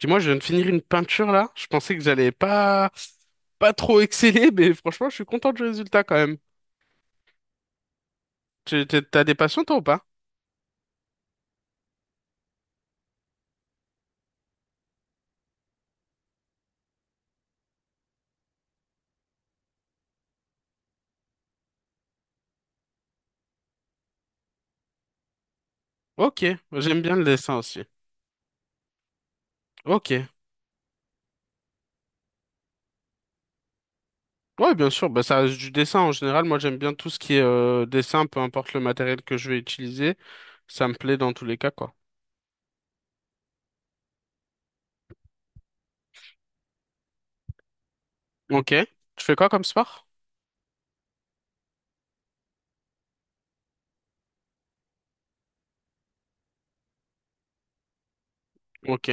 Dis-moi, je viens de finir une peinture là. Je pensais que j'allais pas trop exceller, mais franchement, je suis content du résultat quand même. T'as des passions toi ou pas? Ok, j'aime bien le dessin aussi. Ok. Ouais, bien sûr, bah ça reste du dessin en général. Moi, j'aime bien tout ce qui est dessin, peu importe le matériel que je vais utiliser. Ça me plaît dans tous les cas, quoi. Ok. Tu fais quoi comme sport? Ok.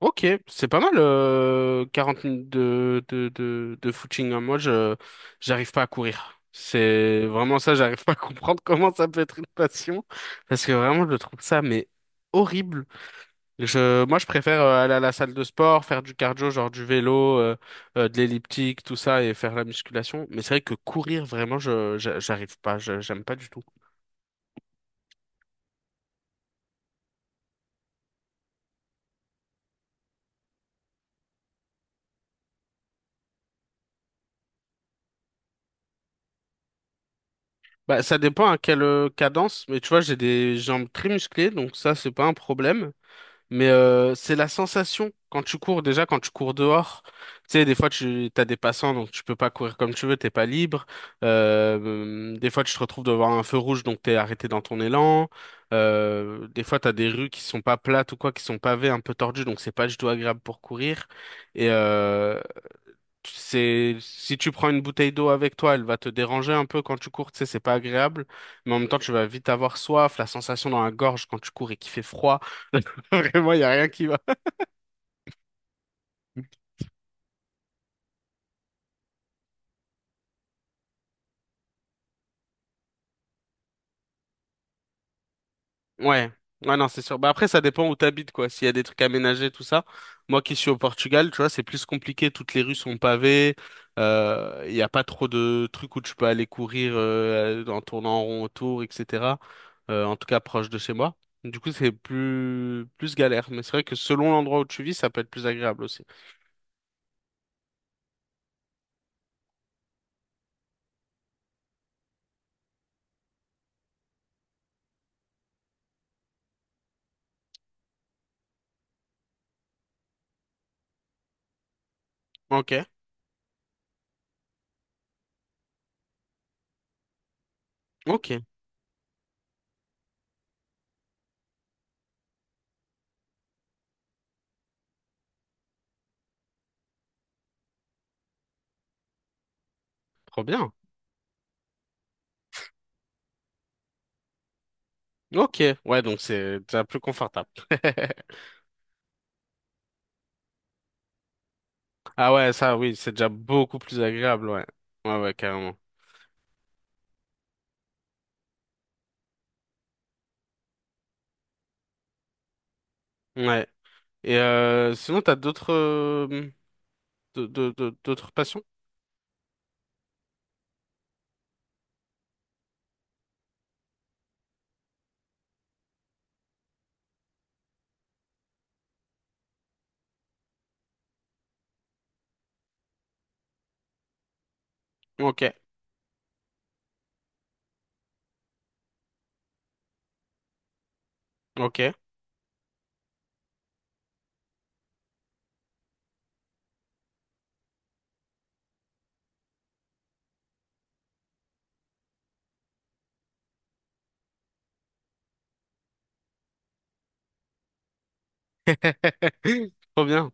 Ok, c'est pas mal, 40 minutes de footing. Moi, j'arrive pas à courir. C'est vraiment ça, j'arrive pas à comprendre comment ça peut être une passion. Parce que vraiment, je trouve ça, mais horrible. Moi, je préfère aller à la salle de sport, faire du cardio, genre du vélo, de l'elliptique, tout ça, et faire la musculation. Mais c'est vrai que courir, vraiment, j'arrive pas, j'aime pas du tout. Bah, ça dépend à quelle cadence, mais tu vois, j'ai des jambes très musclées, donc ça, c'est pas un problème. Mais c'est la sensation quand tu cours, déjà quand tu cours dehors. Tu sais, des fois tu as des passants, donc tu peux pas courir comme tu veux, t'es pas libre. Des fois tu te retrouves devant un feu rouge, donc t'es arrêté dans ton élan. Des fois t'as des rues qui sont pas plates ou quoi, qui sont pavées, un peu tordues, donc c'est pas du tout agréable pour courir. Et, euh, Si tu prends une bouteille d'eau avec toi, elle va te déranger un peu quand tu cours, tu sais, c'est pas agréable, mais en même temps, tu vas vite avoir soif, la sensation dans la gorge quand tu cours et qu'il fait froid. Vraiment, il y a rien qui va. Ouais, ouais, non, c'est sûr. Bah après, ça dépend où t'habites, quoi. S'il y a des trucs aménagés, tout ça. Moi qui suis au Portugal, tu vois, c'est plus compliqué. Toutes les rues sont pavées. Il y n'y a pas trop de trucs où tu peux aller courir en tournant en rond autour, etc. En tout cas, proche de chez moi. Du coup, c'est plus galère. Mais c'est vrai que selon l'endroit où tu vis, ça peut être plus agréable aussi. Ok, ok, trop bien. Ok, ouais, donc c'est déjà plus confortable. Ah ouais, ça, oui, c'est déjà beaucoup plus agréable, ouais. Ouais, ouais, carrément. Ouais. Et sinon, t'as d'autres d'autres passions? Ok, ok. Trop bien.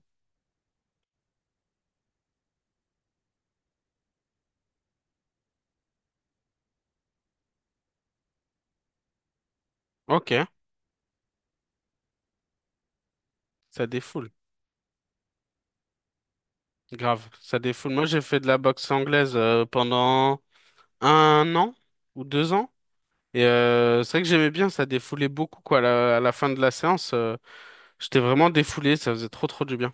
Ok, ça défoule. Grave, ça défoule. Moi, j'ai fait de la boxe anglaise pendant 1 an ou 2 ans. Et c'est vrai que j'aimais bien, ça défoulait beaucoup, quoi. À la fin de la séance, j'étais vraiment défoulé, ça faisait trop, trop du bien.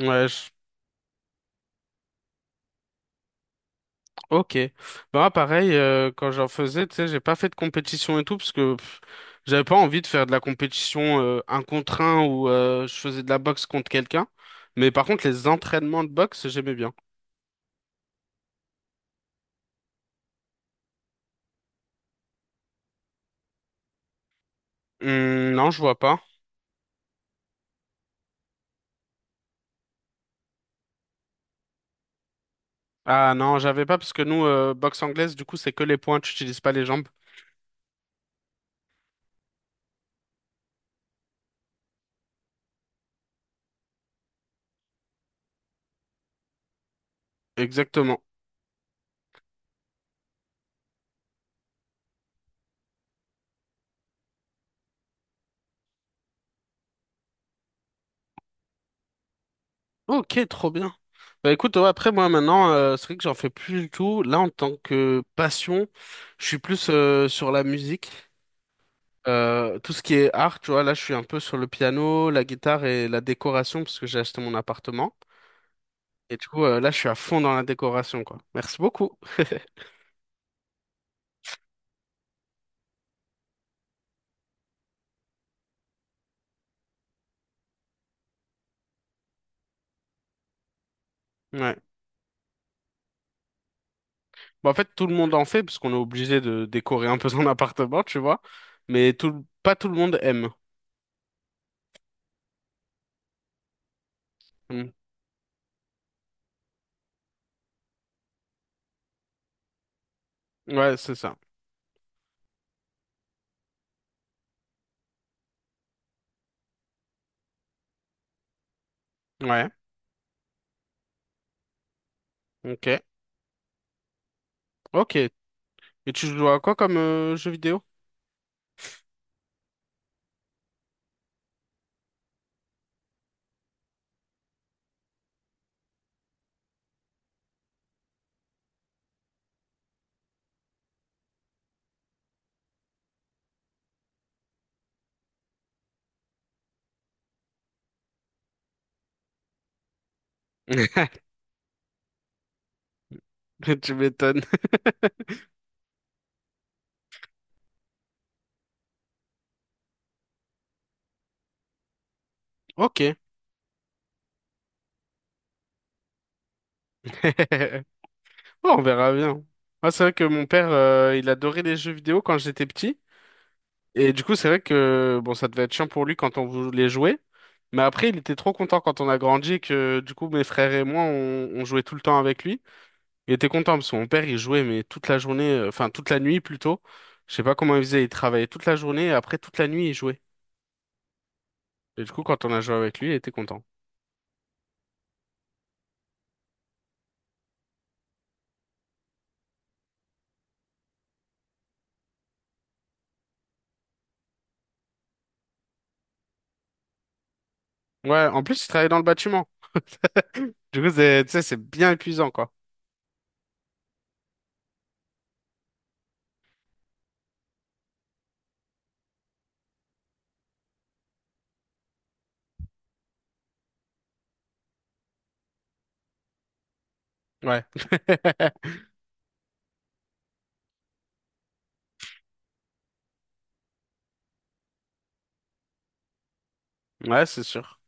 Ouais, Ok. Bah pareil, quand j'en faisais, tu sais, j'ai pas fait de compétition et tout parce que j'avais pas envie de faire de la compétition un contre un où je faisais de la boxe contre quelqu'un. Mais par contre, les entraînements de boxe, j'aimais bien. Non, je vois pas. Ah non, j'avais pas parce que nous, boxe anglaise, du coup, c'est que les points, tu utilises pas les jambes. Exactement. Ok, trop bien. Bah écoute, ouais, après moi maintenant, c'est vrai que j'en fais plus du tout. Là, en tant que passion, je suis plus sur la musique. Tout ce qui est art, tu vois, là, je suis un peu sur le piano, la guitare et la décoration parce que j'ai acheté mon appartement. Et du coup, là, je suis à fond dans la décoration, quoi. Merci beaucoup. Ouais. Bah, en fait, tout le monde en fait parce qu'on est obligé de décorer un peu son appartement, tu vois. Mais pas tout le monde aime. Mm. Ouais, c'est ça. Ouais. Ok. Ok. Et tu joues à quoi comme jeu vidéo? Tu m'étonnes. Ok. Bon, on verra bien. Ah, c'est vrai que mon père, il adorait les jeux vidéo quand j'étais petit. Et du coup, c'est vrai que bon, ça devait être chiant pour lui quand on voulait jouer. Mais après, il était trop content quand on a grandi et que du coup, mes frères et moi, on jouait tout le temps avec lui. Il était content parce que mon père, il jouait mais toute la journée, enfin toute la nuit plutôt. Je sais pas comment il faisait, il travaillait toute la journée et après toute la nuit, il jouait. Et du coup, quand on a joué avec lui, il était content. Ouais, en plus, il travaillait dans le bâtiment. Du coup, tu sais, c'est bien épuisant, quoi. Ouais. Ouais, c'est sûr.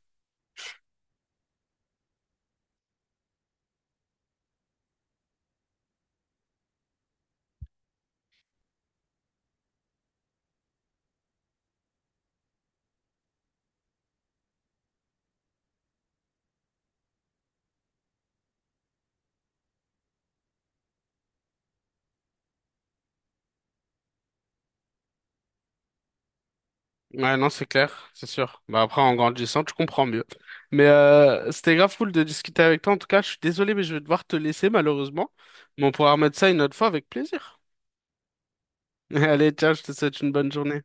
Ouais, non, c'est clair, c'est sûr. Bah après, en grandissant, tu comprends mieux. Mais c'était grave cool de discuter avec toi. En tout cas, je suis désolé, mais je vais devoir te laisser malheureusement. Mais on pourra remettre ça une autre fois avec plaisir. Allez, tiens, je te souhaite une bonne journée.